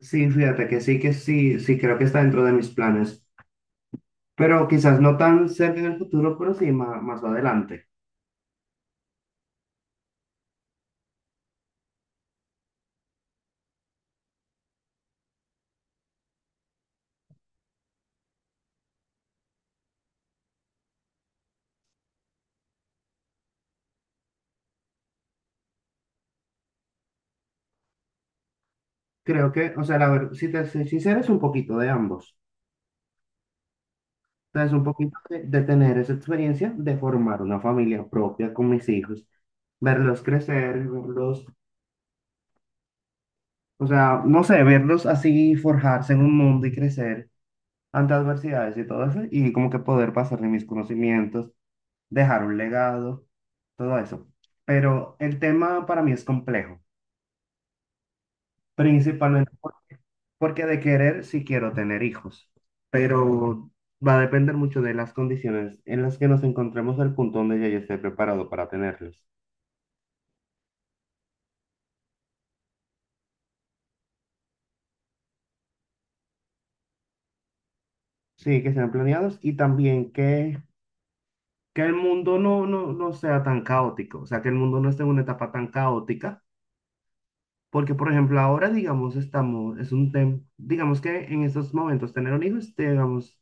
Sí, fíjate que sí, creo que está dentro de mis planes, pero quizás no tan cerca en el futuro, pero sí más, más adelante. Creo que, o sea, la verdad, si te soy sincero, es un poquito de ambos. O sea, es un poquito de tener esa experiencia de formar una familia propia con mis hijos, verlos crecer, verlos, o sea, no sé, verlos así forjarse en un mundo y crecer ante adversidades y todo eso, y como que poder pasarle mis conocimientos, dejar un legado, todo eso. Pero el tema para mí es complejo, principalmente porque de querer sí quiero tener hijos, pero va a depender mucho de las condiciones en las que nos encontremos, el punto donde ya yo esté preparado para tenerlos. Sí, que sean planeados y también que el mundo no sea tan caótico, o sea, que el mundo no esté en una etapa tan caótica. Porque, por ejemplo, ahora, digamos, estamos, es un tema, digamos que en estos momentos tener un hijo es, digamos,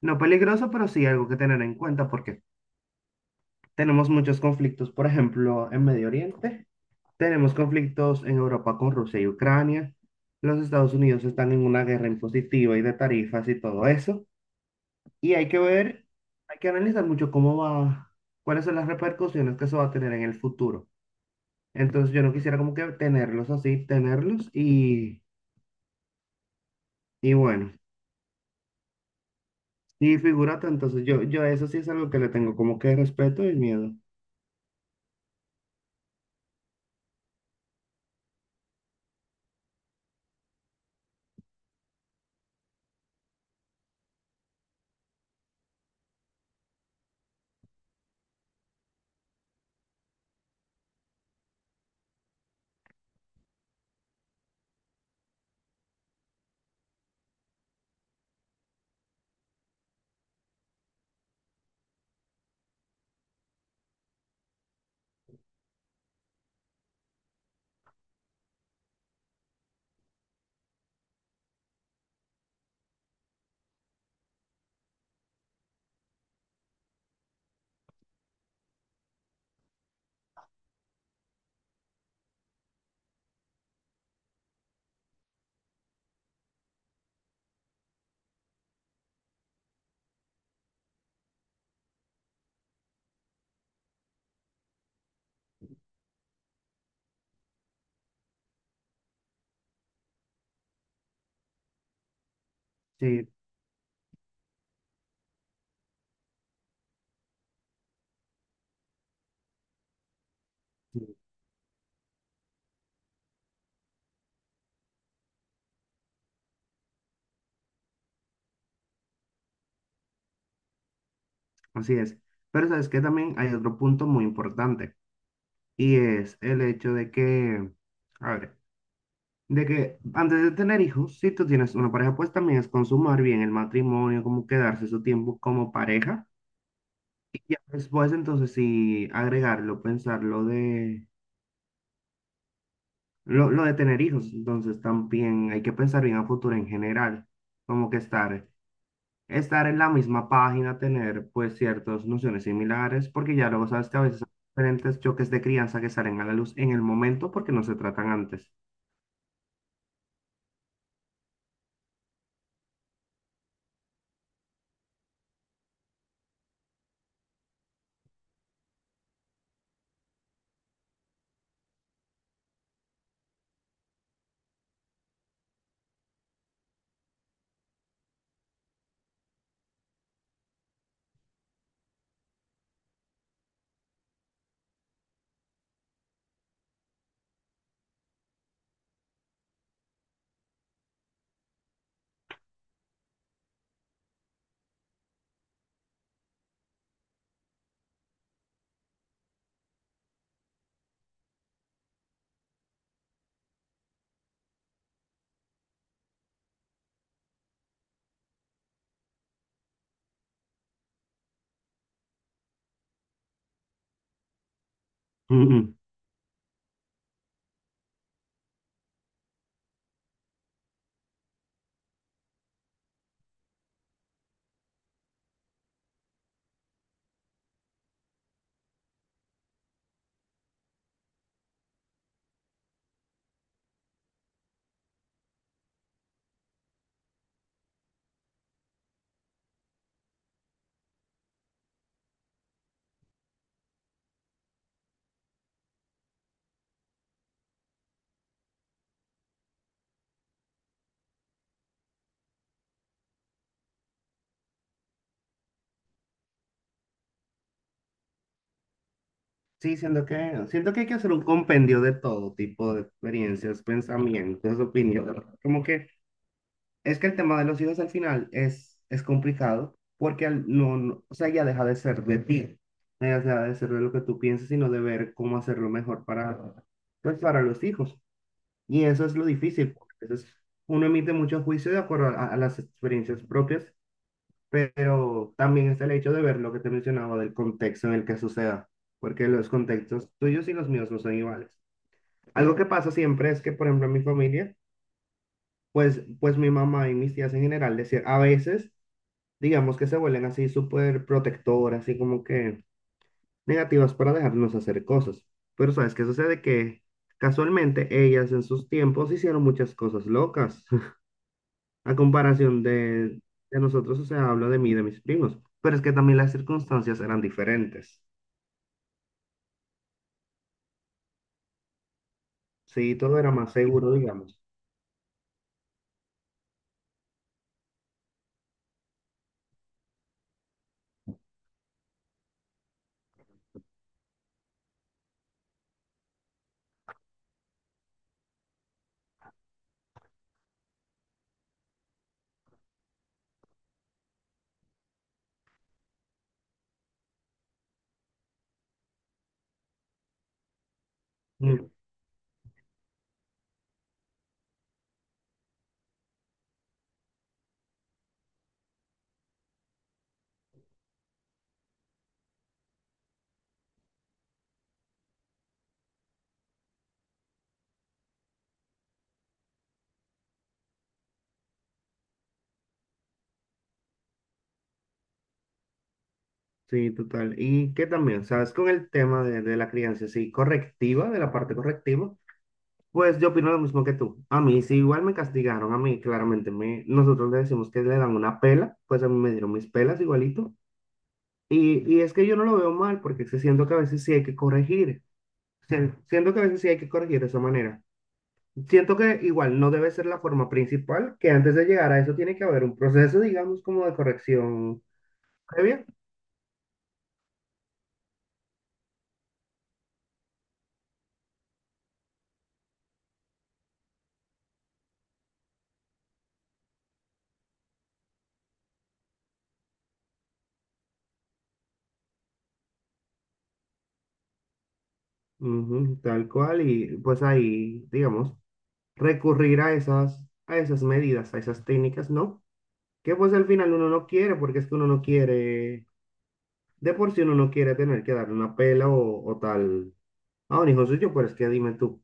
no peligroso, pero sí algo que tener en cuenta porque tenemos muchos conflictos, por ejemplo, en Medio Oriente, tenemos conflictos en Europa con Rusia y Ucrania, los Estados Unidos están en una guerra impositiva y de tarifas y todo eso, y hay que ver, hay que analizar mucho cómo va, cuáles son las repercusiones que eso va a tener en el futuro. Entonces yo no quisiera como que tenerlos así, tenerlos y bueno, y figúrate, entonces yo eso sí es algo que le tengo como que respeto y miedo. Sí. Sí. Así es. Pero sabes que también hay otro punto muy importante y es el hecho de que, a ver, de que antes de tener hijos, si tú tienes una pareja, pues también es consumar bien el matrimonio, como quedarse su tiempo como pareja. Y ya después entonces sí agregarlo, pensar lo de, lo de tener hijos. Entonces también hay que pensar bien a futuro en general, como que estar en la misma página, tener pues ciertas nociones similares, porque ya luego sabes que a veces hay diferentes choques de crianza que salen a la luz en el momento porque no se tratan antes. Ujú. Sí, siento que hay que hacer un compendio de todo tipo de experiencias, pensamientos, opiniones. Como que es que el tema de los hijos al final es complicado porque al- no, no- o sea, ya deja de ser de ti, ya deja de ser de lo que tú piensas, sino de ver cómo hacerlo mejor para, pues, para los hijos. Y eso es lo difícil, porque a veces uno emite muchos juicios de acuerdo a las experiencias propias, pero también está el hecho de ver lo que te mencionaba del contexto en el que suceda, porque los contextos tuyos y los míos no son iguales. Algo que pasa siempre es que, por ejemplo, en mi familia, pues mi mamá y mis tías en general, decir, a veces, digamos que se vuelven así súper protectoras, así como que negativas para dejarnos hacer cosas. Pero ¿sabes qué sucede? Que casualmente ellas en sus tiempos hicieron muchas cosas locas a comparación de nosotros, o sea, hablo de mí, y de mis primos, pero es que también las circunstancias eran diferentes. Sí, todo era más seguro, digamos. Mm. Sí, total. Y que también, ¿sabes? Con el tema de la crianza, sí, correctiva, de la parte correctiva, pues yo opino lo mismo que tú. A mí, sí, igual me castigaron, a mí claramente me, nosotros le decimos que le dan una pela, pues a mí me dieron mis pelas igualito. Y es que yo no lo veo mal, porque sí siento que a veces sí hay que corregir. Sí, siento que a veces sí hay que corregir de esa manera. Siento que igual no debe ser la forma principal, que antes de llegar a eso tiene que haber un proceso, digamos, como de corrección previa. Ujú, tal cual, y pues ahí, digamos, recurrir a esas medidas, a esas técnicas, ¿no? Que pues al final uno no quiere, porque es que uno no quiere, de por sí uno no quiere tener que darle una pela o tal a un hijo suyo, pero es que dime tú.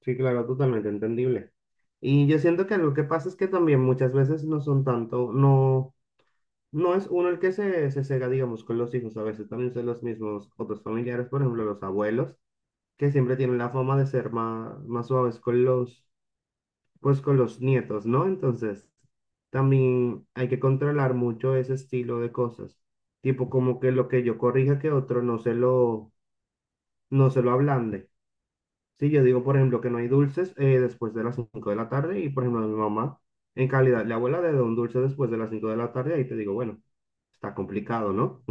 Sí, claro, totalmente entendible. Y yo siento que algo que pasa es que también muchas veces no son tanto, no. No es uno el que se cega, digamos, con los hijos. A veces también son los mismos otros familiares, por ejemplo, los abuelos, que siempre tienen la fama de ser más, más suaves con los, pues, con los nietos, ¿no? Entonces, también hay que controlar mucho ese estilo de cosas. Tipo, como que lo que yo corrija que otro no se lo ablande. Si yo digo, por ejemplo, que no hay dulces después de las 5 de la tarde y, por ejemplo, mi mamá, en calidad de abuela, de un dulce después de las 5 de la tarde, ahí te digo, bueno, está complicado, ¿no?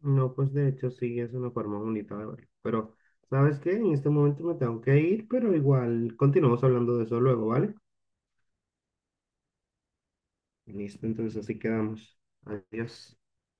No, pues de hecho sí es una forma bonita de verlo. Pero, ¿sabes qué? En este momento me tengo que ir, pero igual continuamos hablando de eso luego, ¿vale? Listo, entonces así quedamos. Adiós.